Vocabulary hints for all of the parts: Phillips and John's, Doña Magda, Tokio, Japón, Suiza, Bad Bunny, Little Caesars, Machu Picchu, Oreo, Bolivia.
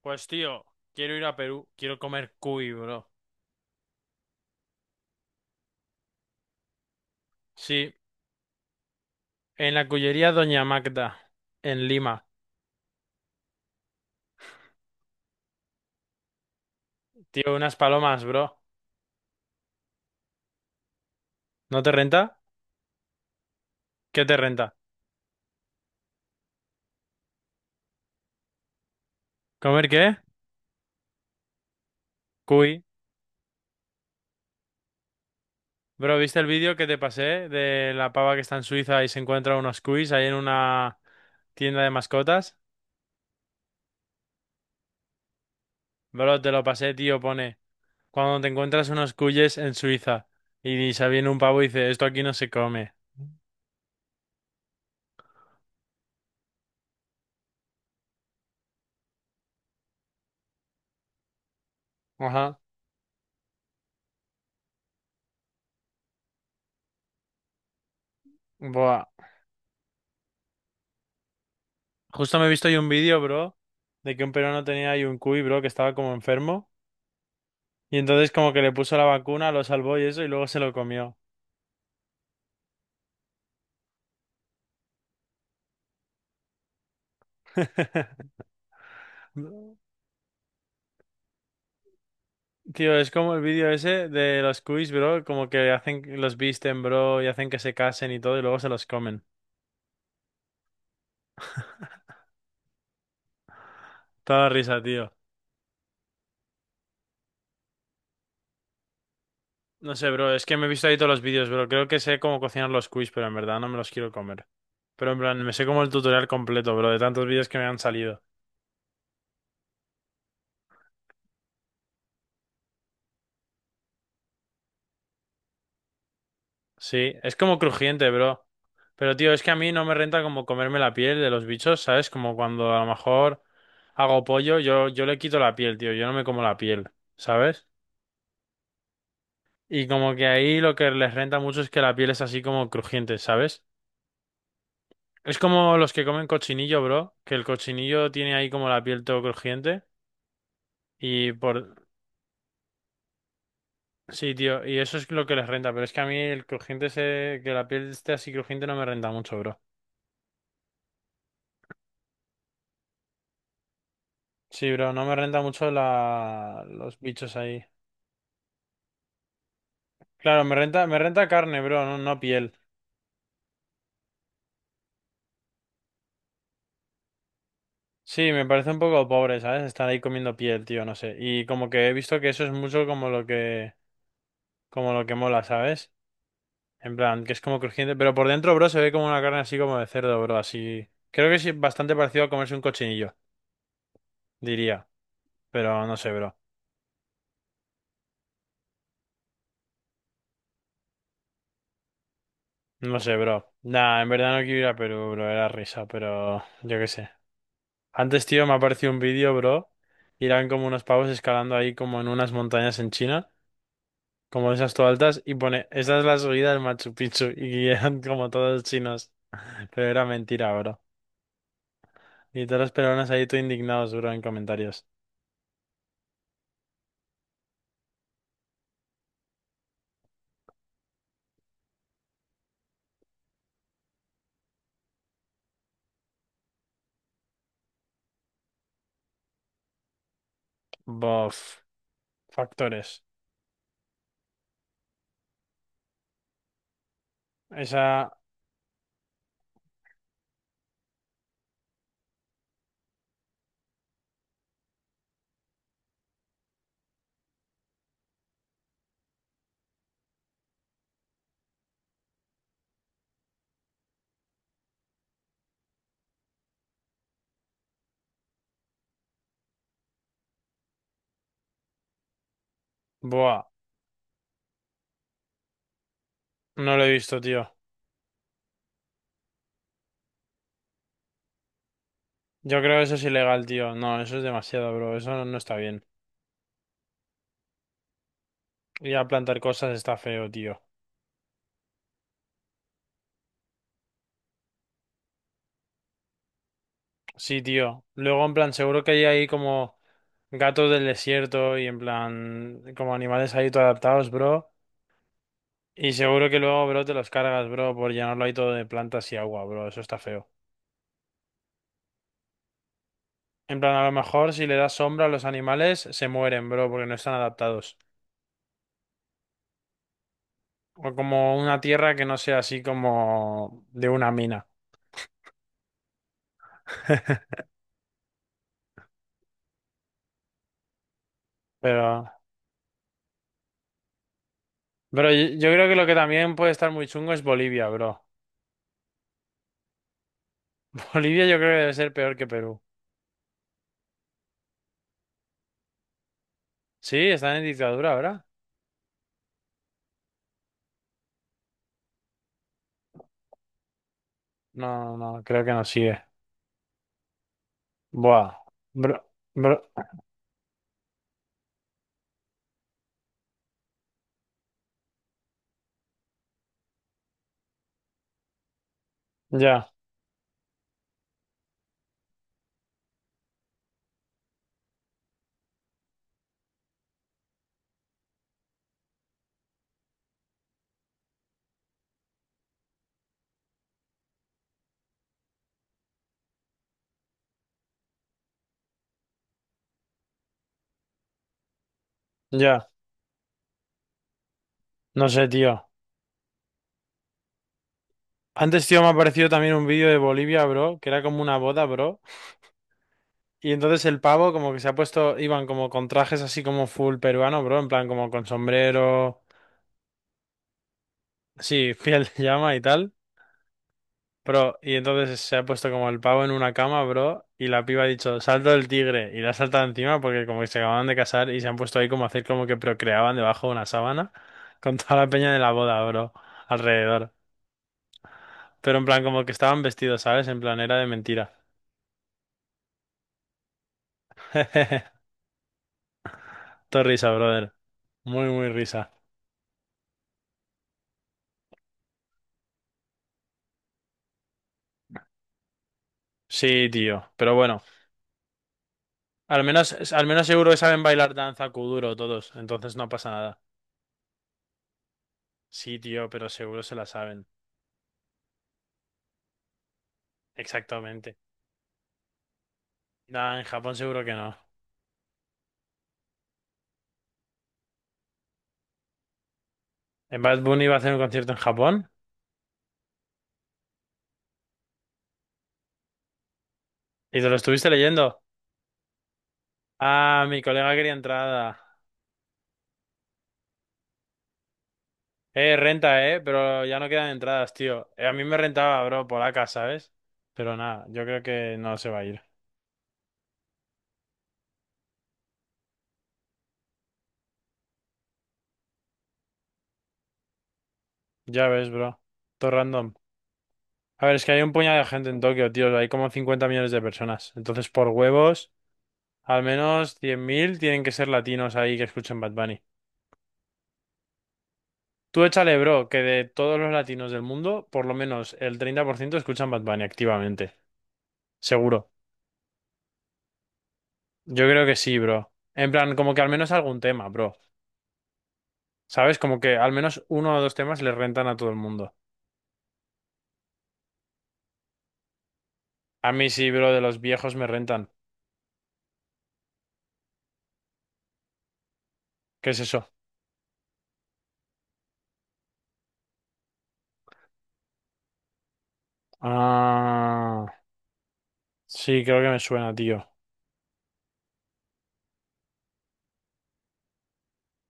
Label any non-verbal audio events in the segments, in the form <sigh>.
Pues tío, quiero ir a Perú, quiero comer cuy, bro. Sí, en la cuyería Doña Magda, en Lima. Tío, unas palomas, bro. ¿No te renta? ¿Qué te renta? ¿Comer qué? Cuy. Bro, ¿viste el vídeo que te pasé de la pava que está en Suiza y se encuentra unos cuis ahí en una tienda de mascotas? Bro, te lo pasé, tío, pone. Cuando te encuentras unos cuyes en Suiza y se viene un pavo y dice, esto aquí no se come. Ajá. Buah. Justo me he visto ahí un vídeo, bro, de que un peruano tenía ahí un cuy, bro, que estaba como enfermo. Y entonces como que le puso la vacuna, lo salvó y eso, y luego se lo comió. <laughs> Tío, es como el vídeo ese de los cuis, bro, como que hacen, los visten, bro, y hacen que se casen y todo, y luego se los comen. Toda risa, tío. No sé, bro, es que me he visto ahí todos los vídeos, bro. Creo que sé cómo cocinar los cuis, pero en verdad no me los quiero comer. Pero en plan, me sé como el tutorial completo, bro, de tantos vídeos que me han salido. Sí, es como crujiente, bro. Pero tío, es que a mí no me renta como comerme la piel de los bichos, ¿sabes? Como cuando a lo mejor hago pollo, yo le quito la piel, tío, yo no me como la piel, ¿sabes? Y como que ahí lo que les renta mucho es que la piel es así como crujiente, ¿sabes? Es como los que comen cochinillo, bro, que el cochinillo tiene ahí como la piel todo crujiente y por... Sí, tío, y eso es lo que les renta, pero es que a mí el crujiente ese, que la piel esté así crujiente no me renta mucho, bro. Sí, bro, no me renta mucho la... los bichos ahí. Claro, me renta carne, bro, no, no piel. Sí, me parece un poco pobre, ¿sabes? Estar ahí comiendo piel, tío, no sé. Y como que he visto que eso es mucho como lo que mola, ¿sabes? En plan, que es como crujiente, pero por dentro, bro, se ve como una carne así como de cerdo, bro, así. Creo que es bastante parecido a comerse un cochinillo, diría. Pero no sé, bro. No sé, bro. Nah, en verdad no quiero ir a Perú, bro, era risa, pero yo qué sé. Antes, tío, me apareció un vídeo, bro. Y eran como unos pavos escalando ahí como en unas montañas en China, como de esas todas altas, y pone, esa es la subida del Machu Picchu, <laughs> y eran como todos chinos. <laughs> Pero era mentira, bro. Y todos los peruanos ahí todo indignados, bro, en comentarios. Bof. Factores. Esa... Buah. No lo he visto, tío. Yo creo que eso es ilegal, tío. No, eso es demasiado, bro. Eso no está bien. Ir a plantar cosas está feo, tío. Sí, tío. Luego, en plan, seguro que hay ahí como gatos del desierto y en plan, como animales ahí todo adaptados, bro. Y seguro que luego, bro, te los cargas, bro, por llenarlo ahí todo de plantas y agua, bro. Eso está feo. En plan, a lo mejor si le das sombra a los animales, se mueren, bro, porque no están adaptados. O como una tierra que no sea así como de una mina. <laughs> Pero, bro, yo creo que lo que también puede estar muy chungo es Bolivia, bro. <laughs> Bolivia yo creo que debe ser peor que Perú. Sí, están en dictadura ahora. No, no, no, creo que no sigue. Buah, bro, bro, ya, ya, no sé, tío. Antes, tío, me ha aparecido también un vídeo de Bolivia, bro, que era como una boda, bro. Y entonces el pavo como que se ha puesto, iban como con trajes así como full peruano, bro, en plan como con sombrero, sí, <laughs> piel de llama y tal. Bro, y entonces se ha puesto como el pavo en una cama, bro, y la piba ha dicho, salto del tigre, y la ha saltado encima porque como que se acababan de casar y se han puesto ahí como a hacer como que procreaban debajo de una sábana <laughs> con toda la peña de la boda, bro, alrededor. Pero en plan como que estaban vestidos, ¿sabes? En plan era de mentira. <laughs> Todo risa, brother. Muy, muy risa. Sí, tío. Pero bueno, al menos seguro que saben bailar danza kuduro todos, entonces no pasa nada. Sí, tío, pero seguro se la saben. Exactamente. Nah, en Japón seguro que no. En Bad Bunny iba a hacer un concierto en Japón. ¿Y te lo estuviste leyendo? Ah, mi colega quería entrada. Renta, pero ya no quedan entradas, tío. A mí me rentaba, bro, por acá, ¿sabes? Pero nada, yo creo que no se va a ir. Ya ves, bro. Todo random. A ver, es que hay un puñado de gente en Tokio, tío. Hay como 50 millones de personas. Entonces, por huevos, al menos 100.000 tienen que ser latinos ahí que escuchen Bad Bunny. Tú échale, bro, que de todos los latinos del mundo, por lo menos el 30% escuchan Bad Bunny activamente. Seguro. Yo creo que sí, bro. En plan, como que al menos algún tema, bro. ¿Sabes? Como que al menos uno o dos temas le rentan a todo el mundo. A mí sí, bro, de los viejos me rentan. ¿Qué es eso? Ah, sí, creo que me suena, tío.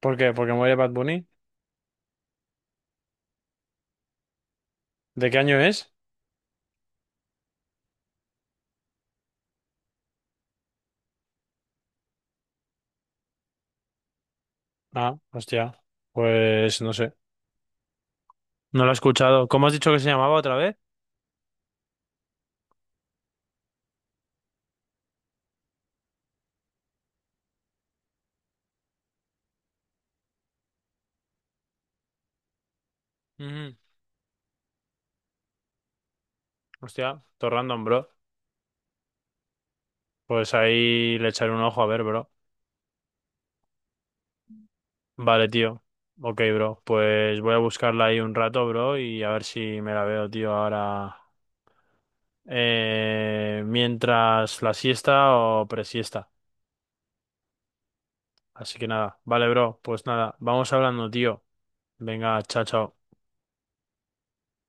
¿Por qué? ¿Porque muere Bad Bunny? ¿De qué año es? Ah, hostia. Pues no sé. No lo he escuchado. ¿Cómo has dicho que se llamaba otra vez? Ujú. Hostia, todo random, bro. Pues ahí le echaré un ojo a ver, bro. Vale, tío. Ok, bro. Pues voy a buscarla ahí un rato, bro, y a ver si me la veo, tío, ahora. Mientras la siesta o presiesta. Así que nada. Vale, bro. Pues nada, vamos hablando, tío. Venga, chao, chao.